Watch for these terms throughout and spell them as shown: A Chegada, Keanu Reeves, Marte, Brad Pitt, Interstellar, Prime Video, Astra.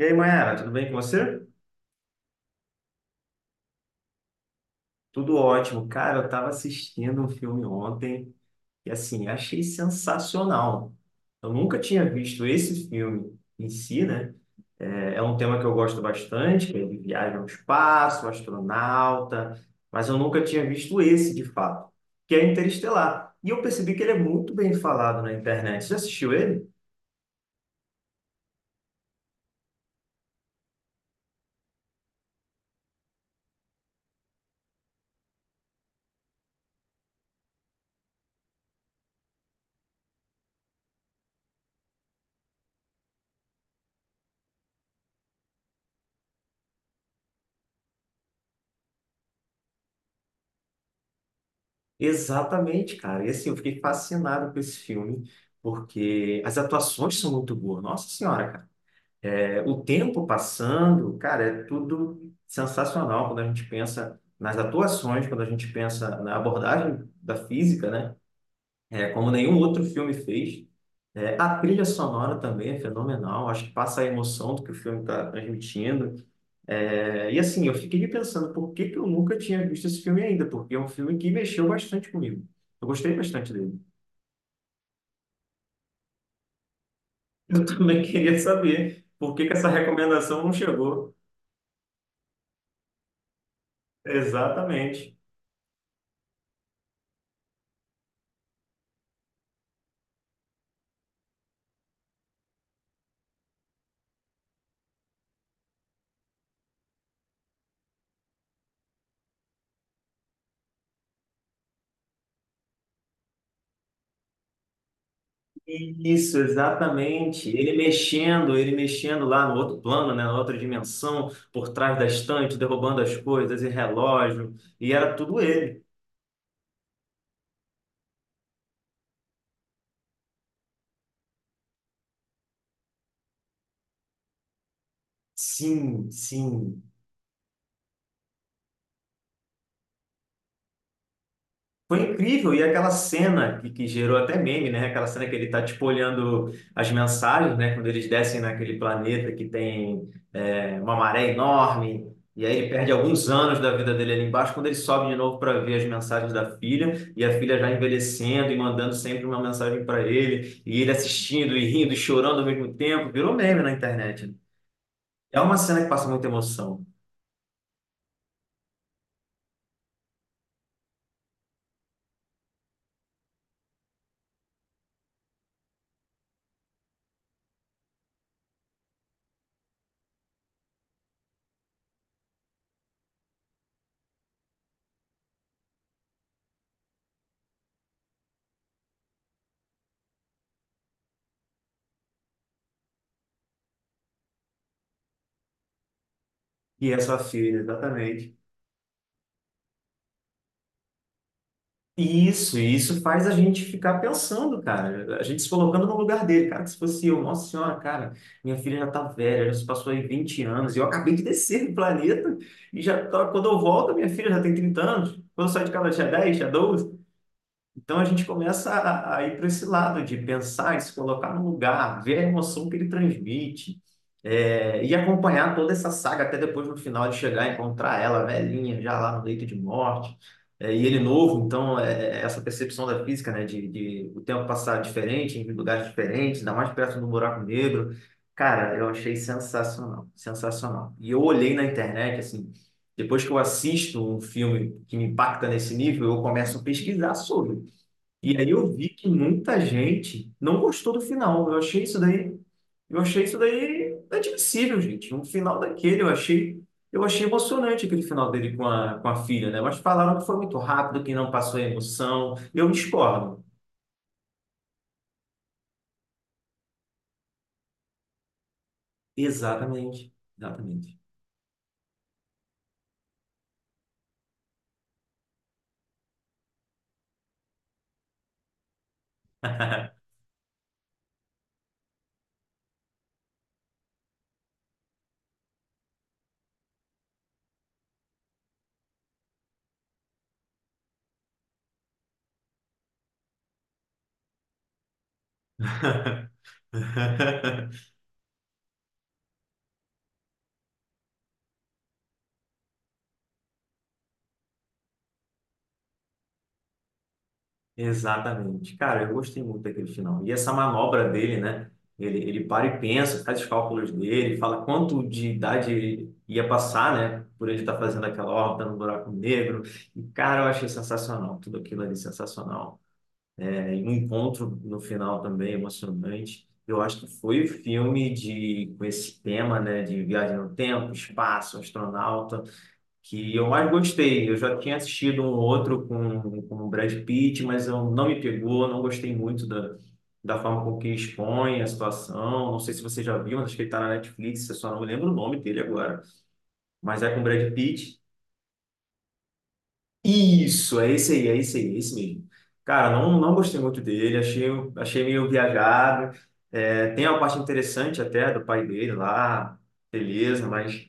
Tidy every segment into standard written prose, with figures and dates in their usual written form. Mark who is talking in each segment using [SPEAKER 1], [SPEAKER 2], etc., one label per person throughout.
[SPEAKER 1] E aí, Mayara, tudo bem com você? Tudo ótimo. Cara, eu estava assistindo um filme ontem e, assim, achei sensacional. Eu nunca tinha visto esse filme em si, né? É um tema que eu gosto bastante, que ele viaja ao espaço, astronauta, mas eu nunca tinha visto esse, de fato, que é Interestelar. E eu percebi que ele é muito bem falado na internet. Você já assistiu ele? Exatamente, cara. E, assim, eu fiquei fascinado com esse filme, porque as atuações são muito boas. Nossa Senhora, cara. É, o tempo passando, cara, é tudo sensacional quando a gente pensa nas atuações, quando a gente pensa na abordagem da física, né? É, como nenhum outro filme fez. É, a trilha sonora também é fenomenal, acho que passa a emoção do que o filme está transmitindo. É, e assim, eu fiquei pensando por que que eu nunca tinha visto esse filme ainda, porque é um filme que mexeu bastante comigo. Eu gostei bastante dele. Eu também queria saber por que que essa recomendação não chegou. Exatamente. Isso, exatamente. Ele mexendo lá no outro plano, né, na outra dimensão, por trás da estante, derrubando as coisas e relógio, e era tudo ele. Sim, sim. Foi incrível, e aquela cena que gerou até meme, né? Aquela cena que ele tá, tipo, olhando as mensagens, né? Quando eles descem naquele planeta que tem uma maré enorme, e aí ele perde alguns anos da vida dele ali embaixo, quando ele sobe de novo para ver as mensagens da filha, e a filha já envelhecendo e mandando sempre uma mensagem para ele, e ele assistindo e rindo e chorando ao mesmo tempo, virou meme na internet. É uma cena que passa muita emoção. E essa filha, exatamente. Isso, e isso faz a gente ficar pensando, cara, a gente se colocando no lugar dele, cara, que se fosse eu, nossa senhora, cara, minha filha já tá velha, já se passou aí 20 anos, e eu acabei de descer do planeta, e já, quando eu volto, minha filha já tem 30 anos, quando eu saio de casa ela tinha 10, tinha 12, então a gente começa a ir para esse lado de pensar e se colocar no lugar, ver a emoção que ele transmite, e acompanhar toda essa saga até depois no final de chegar e encontrar ela velhinha, já lá no leito de morte, e ele novo. Então é essa percepção da física, né, de o tempo passar diferente, em lugares diferentes, ainda mais perto do buraco negro. Cara, eu achei sensacional, sensacional. E eu olhei na internet, assim. Depois que eu assisto um filme que me impacta nesse nível, eu começo a pesquisar sobre. E aí eu vi que muita gente não gostou do final. Eu achei isso daí admissível, gente. Um final daquele, eu achei emocionante aquele final dele com a filha, né? Mas falaram que foi muito rápido, que não passou a emoção. Eu discordo. Exatamente, exatamente. Exatamente. Cara, eu gostei muito daquele final. E essa manobra dele, né? Ele para e pensa, faz os cálculos dele, fala quanto de idade ele ia passar, né? Por ele estar fazendo aquela órbita no buraco negro. E, cara, eu achei sensacional. Tudo aquilo ali sensacional. É, e um encontro no final também emocionante. Eu acho que foi o filme de, com esse tema, né? De viagem no tempo, espaço, astronauta que eu mais gostei. Eu já tinha assistido um outro com o Brad Pitt, mas eu, não me pegou, não gostei muito da forma com que expõe a situação. Não sei se você já viu, mas acho que ele está na Netflix, eu só não lembro o nome dele agora. Mas é com o Brad Pitt. Isso, é esse aí, é esse aí, é esse mesmo. Cara, não, não gostei muito dele, achei meio viajado. É, tem uma parte interessante até do pai dele lá, beleza, mas.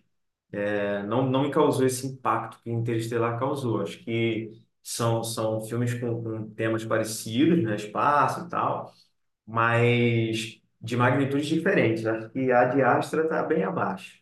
[SPEAKER 1] Não, não me causou esse impacto que Interestelar causou. Acho que são filmes com temas parecidos, né? Espaço e tal, mas de magnitudes diferentes. Acho que a de Astra está bem abaixo.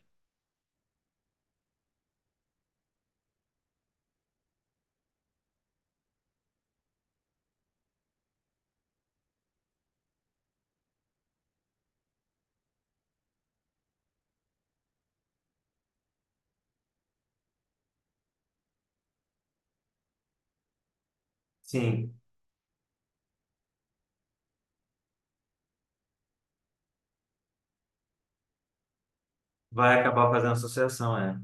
[SPEAKER 1] Sim, vai acabar fazendo associação, é.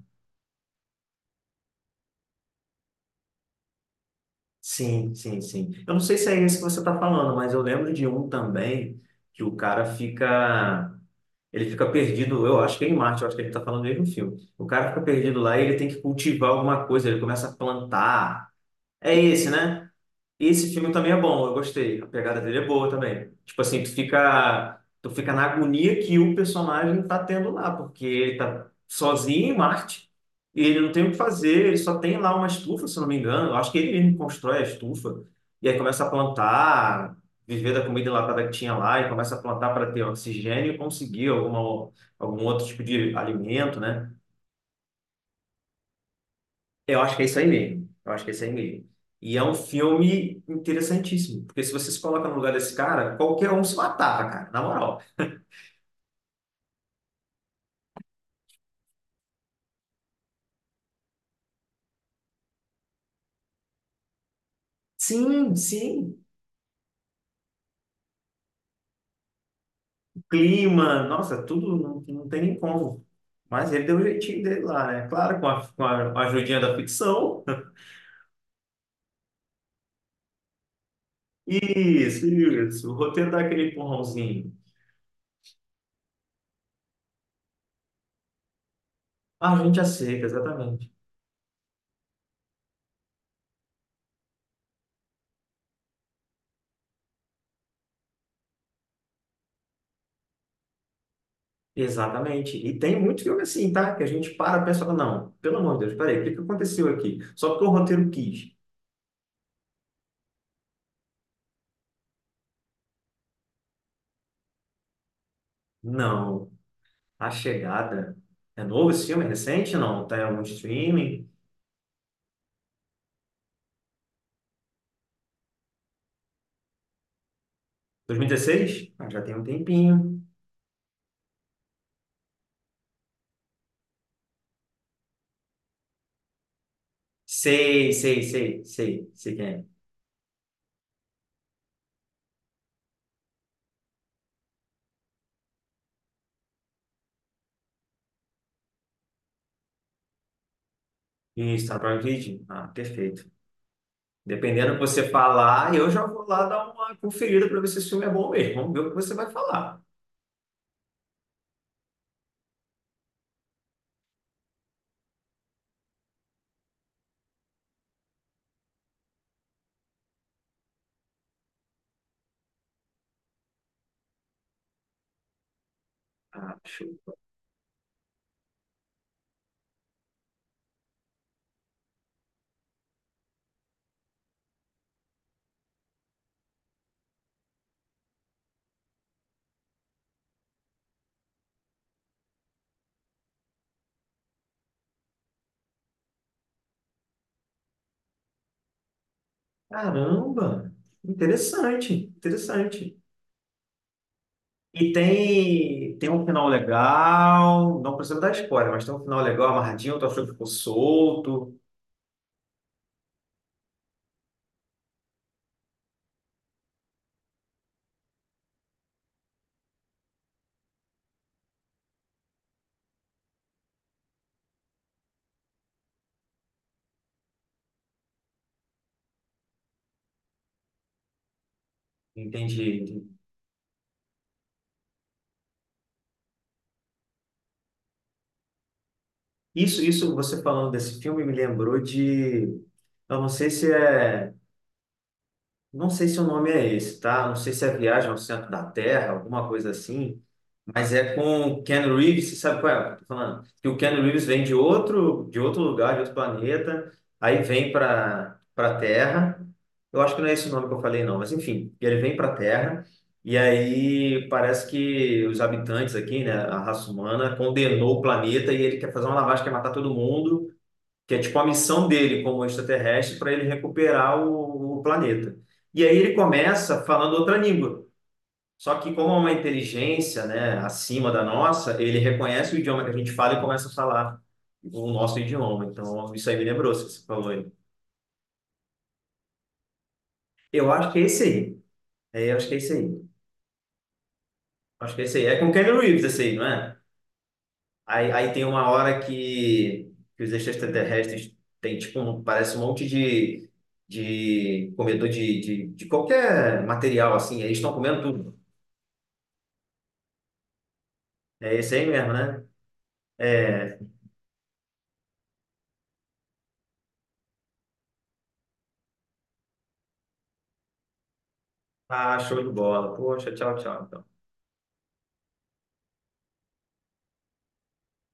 [SPEAKER 1] Sim, sim, sim. Eu não sei se é esse que você está falando, mas eu lembro de um também que o cara fica. Ele fica perdido, eu acho que é em Marte, eu acho que ele está falando do mesmo filme. O cara fica perdido lá e ele tem que cultivar alguma coisa, ele começa a plantar. É esse, né? Esse filme também é bom, eu gostei. A pegada dele é boa também. Tipo assim, tu fica na agonia que o personagem tá tendo lá, porque ele tá sozinho em Marte e ele não tem o que fazer, ele só tem lá uma estufa, se eu não me engano. Eu acho que ele mesmo constrói a estufa e aí começa a plantar, viver da comida enlatada que tinha lá e começa a plantar para ter oxigênio e conseguir alguma, algum outro tipo de alimento, né? Eu acho que é isso aí mesmo. Eu acho que é isso aí mesmo. E é um filme interessantíssimo, porque se você se coloca no lugar desse cara, qualquer um se matava, cara, na moral. Sim, sim, clima, nossa, tudo não, não tem nem como. Mas ele deu o jeitinho dele lá, né? Claro, com a ajudinha da ficção. Isso, isso. O roteiro dá aquele empurrãozinho. Ah, a gente aceita, exatamente. Exatamente. E tem muito filme assim, tá? Que a gente para e pensa, não, pelo amor de Deus, peraí, o que que aconteceu aqui? Só porque o roteiro quis. Não. A Chegada. É novo esse filme? É recente? Não? Tá em algum streaming? 2016? Ah, já tem um tempinho. Sei, sei, sei, sei, sei quem é. Isso, tá no Prime Video? Ah, perfeito. Dependendo do que você falar, eu já vou lá dar uma conferida para ver se esse filme é bom mesmo. Vamos ver o que você vai falar. Ah, show. Caramba! Interessante, interessante. E tem um final legal. Não precisa dar spoiler, mas tem um final legal amarradinho. Tu achou que ficou solto? Entende? Isso, você falando desse filme me lembrou de, eu não sei se é, não sei se o nome é esse, tá? Não sei se é Viagem ao Centro da Terra, alguma coisa assim, mas é com o Ken Reeves, você sabe qual é? Que eu tô falando que o Ken Reeves vem de outro lugar, de outro planeta, aí vem para Terra. Eu acho que não é esse o nome que eu falei não, mas enfim, ele vem para Terra e aí parece que os habitantes aqui, né, a raça humana condenou o planeta e ele quer fazer uma lavagem, quer matar todo mundo que é tipo a missão dele como extraterrestre para ele recuperar o planeta. E aí ele começa falando outra língua. Só que como é uma inteligência, né, acima da nossa, ele reconhece o idioma que a gente fala e começa a falar o nosso idioma. Então, isso aí me lembrou, se você falou aí. Eu acho que é esse aí. É, eu acho que é esse aí. Acho que é esse aí. É com Keanu Reeves esse aí, não é? Aí tem uma hora que os extraterrestres têm, tipo, parece um monte de comedor de qualquer material, assim. Eles estão comendo tudo. É esse aí mesmo, né? É. Ah, show de bola. Poxa, tchau, tchau.